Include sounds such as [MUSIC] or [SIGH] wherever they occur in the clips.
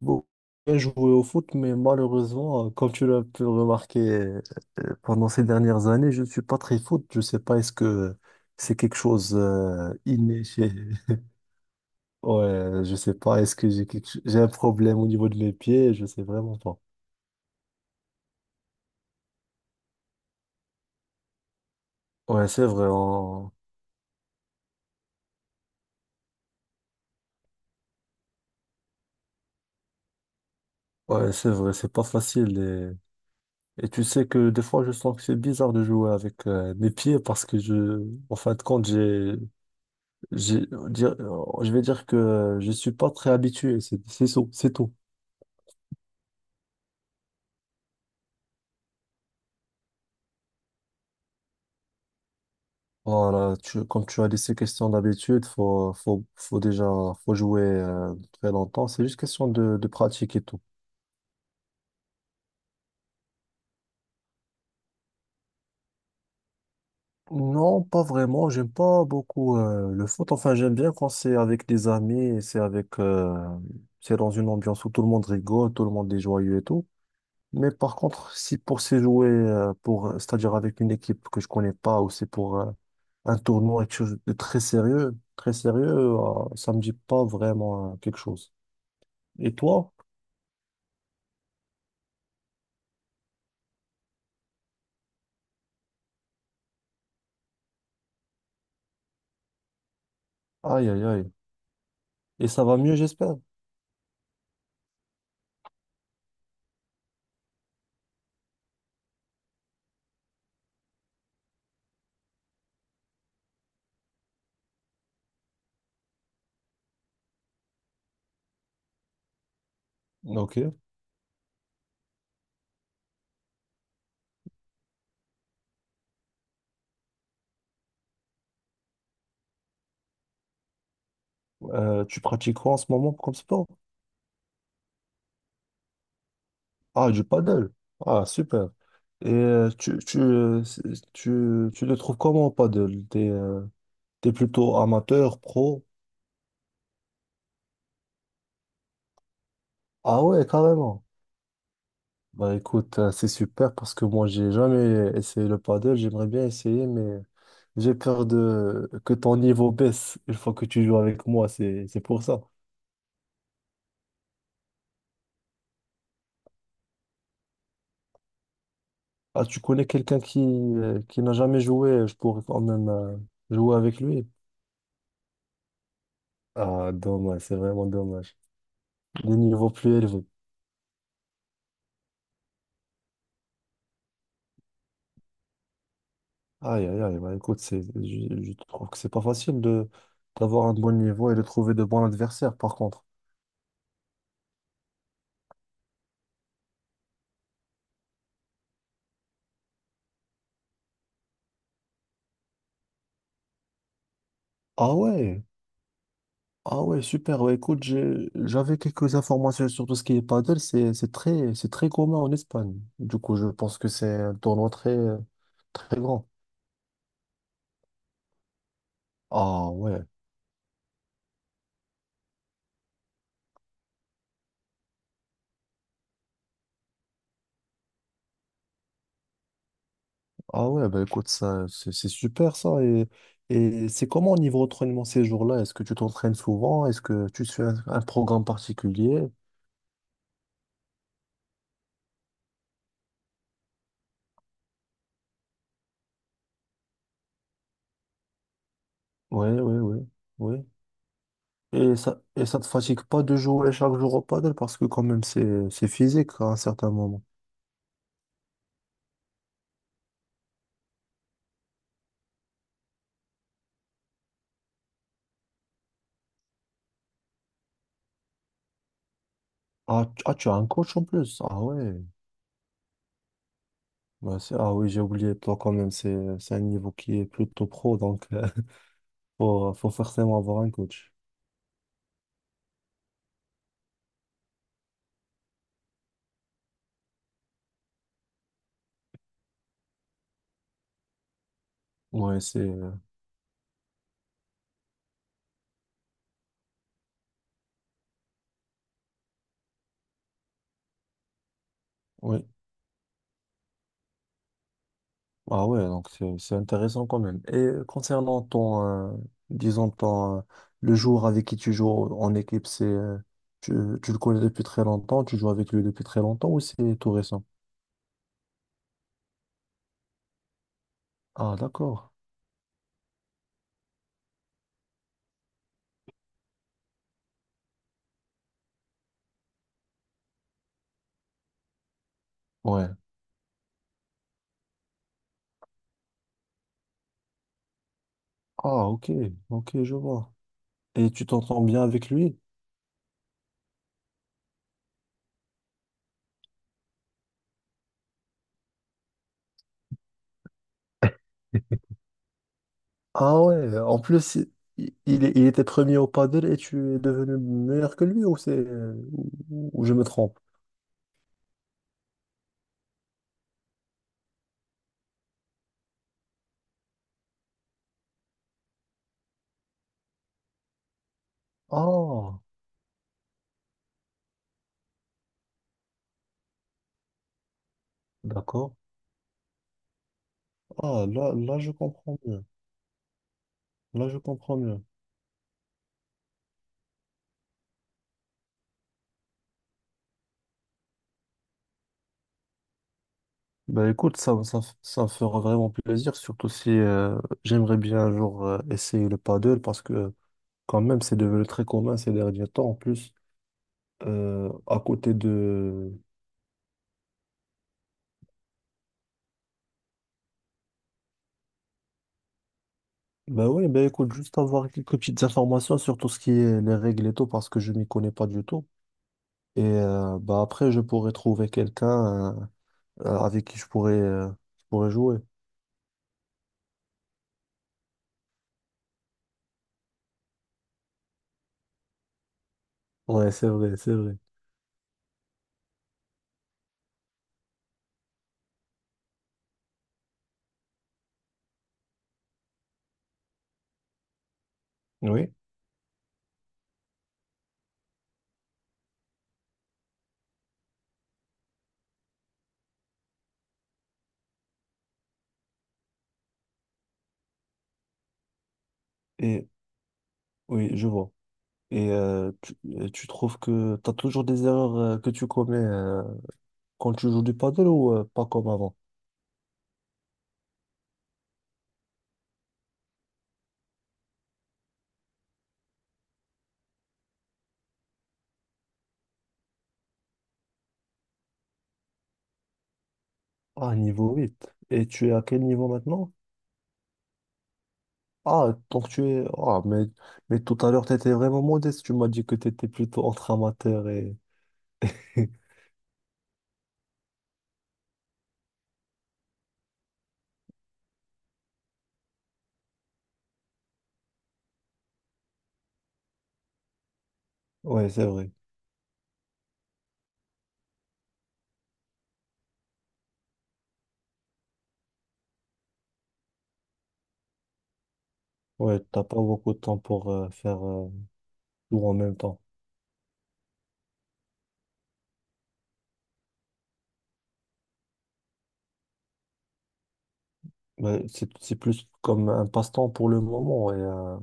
Bon. J'ai joué au foot, mais malheureusement, comme tu l'as pu le remarquer pendant ces dernières années, je ne suis pas très foot. Je ne sais pas, est-ce que c'est quelque chose inné chez... [LAUGHS] Ouais, je sais pas, est-ce que j'ai j'ai un problème au niveau de mes pieds? Je sais vraiment pas. Ouais, c'est vrai, ouais, c'est vrai, c'est pas facile. Et tu sais que des fois, je sens que c'est bizarre de jouer avec mes pieds parce que je, en fin de compte, je vais dire que je suis pas très habitué, c'est tout, c'est tout. Voilà, tu, comme tu as dit, c'est question d'habitude, faut déjà, faut jouer très longtemps, c'est juste question de pratique et tout. Non, pas vraiment, j'aime pas beaucoup le foot, enfin j'aime bien quand c'est avec des amis, et c'est avec, c'est dans une ambiance où tout le monde rigole, tout le monde est joyeux et tout. Mais par contre, si pour se jouer, pour, c'est-à-dire avec une équipe que je connais pas, ou c'est pour, un tournoi, quelque chose de très sérieux, ça me dit pas vraiment quelque chose. Et toi? Aïe, aïe, aïe. Et ça va mieux, j'espère. Ok. Tu pratiques quoi en ce moment comme sport? Ah, du paddle. Ah, super. Et tu, tu le trouves comment au paddle? T'es, t'es plutôt amateur, pro? Ah ouais, carrément. Bah écoute, c'est super parce que moi j'ai jamais essayé le paddle, j'aimerais bien essayer, mais j'ai peur de que ton niveau baisse une fois que tu joues avec moi, c'est pour ça. Ah, tu connais quelqu'un qui n'a jamais joué, je pourrais quand même jouer avec lui. Ah, dommage, c'est vraiment dommage. Des niveaux plus élevés. Aïe, aïe, aïe, bah écoute, c'est, je trouve que c'est pas facile de d'avoir un bon niveau et de trouver de bons adversaires, par contre. Ah ouais. Ah ouais, super. Ouais, écoute, j'avais quelques informations sur tout ce qui est paddle. C'est très commun en Espagne. Du coup, je pense que c'est un tournoi très, très grand. Ah ouais. Ah ouais, bah écoute, ça, c'est super ça. Et c'est comment au niveau entraînement ces jours-là? Est-ce que tu t'entraînes souvent? Est-ce que tu suis un programme particulier? Ouais, ouais, ouais, ouais. Et ça te fatigue pas de jouer chaque jour au paddle parce que quand même, c'est physique à un certain moment. Ah, tu as un coach en plus. Ah ouais. Bah, c'est- ah oui, j'ai oublié, toi quand même, c'est un niveau qui est plutôt pro, donc [LAUGHS] faut forcément avoir un coach. Ouais, oui. Ah ouais, donc c'est intéressant quand même. Et concernant ton, disons, ton, le joueur avec qui tu joues en équipe, c'est, tu, tu le connais depuis très longtemps, tu joues avec lui depuis très longtemps ou c'est tout récent? Ah d'accord. Ouais. Ah ok, ok, je vois. Et tu t'entends bien avec lui? Ah ouais, en plus, il était premier au paddle et tu es devenu meilleur que lui ou c'est ou, ou je me trompe? Ah, d'accord. Ah, là, là, je comprends mieux. Là, je comprends mieux. Bah écoute, ça me fera vraiment plaisir, surtout si j'aimerais bien un jour essayer le paddle parce que quand même, c'est devenu très commun ces derniers temps. En plus, à côté de... Bah oui, bah écoute, juste avoir quelques petites informations sur tout ce qui est les règles et tout parce que je m'y connais pas du tout. Et bah après, je pourrais trouver quelqu'un avec qui je pourrais jouer. Ouais, c'est vrai, c'est vrai. Oui. Et oui, je vois. Et tu trouves que tu as toujours des erreurs que tu commets quand tu joues du paddle ou pas comme avant? Ah, niveau huit. Et tu es à quel niveau maintenant? Ah, donc tu es... Ah, mais tout à l'heure, tu étais vraiment modeste. Tu m'as dit que tu étais plutôt entre amateur et... [LAUGHS] Ouais, c'est vrai. Ouais, t'as pas beaucoup de temps pour faire tout en même temps. Ben, c'est plus comme un passe-temps pour le moment. Et,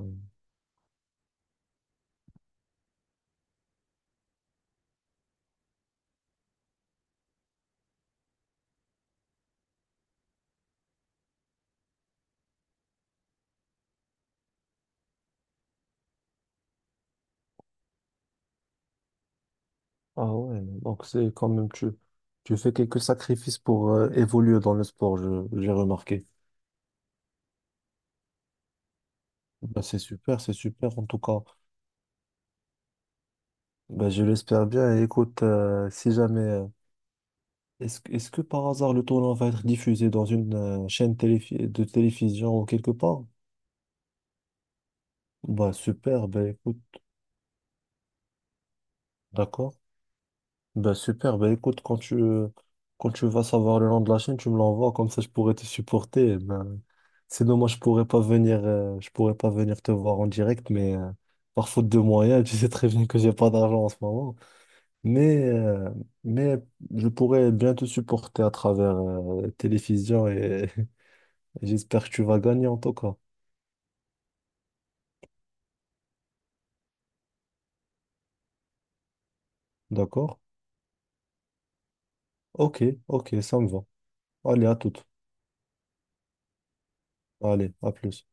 ah ouais, donc c'est quand même, tu fais quelques sacrifices pour évoluer dans le sport, je, j'ai remarqué. Bah c'est super en tout cas. Bah je l'espère bien. Et écoute, si jamais, est-ce que par hasard le tournoi va être diffusé dans une de télévision ou quelque part? Bah super, bah écoute, d'accord. Ben super, ben écoute, quand tu vas savoir le nom de la chaîne, tu me l'envoies, comme ça je pourrais te supporter. Eh ben, sinon, moi, je pourrais pas venir, je pourrais pas venir te voir en direct, mais par faute de moyens, [LAUGHS] tu sais très bien que j'ai pas d'argent en ce moment. Mais, euh, mais je pourrais bien te supporter à travers télévision et [LAUGHS] j'espère que tu vas gagner en tout cas. D'accord? Ok, ok, ça me va. Allez, à toute. Allez, à plus.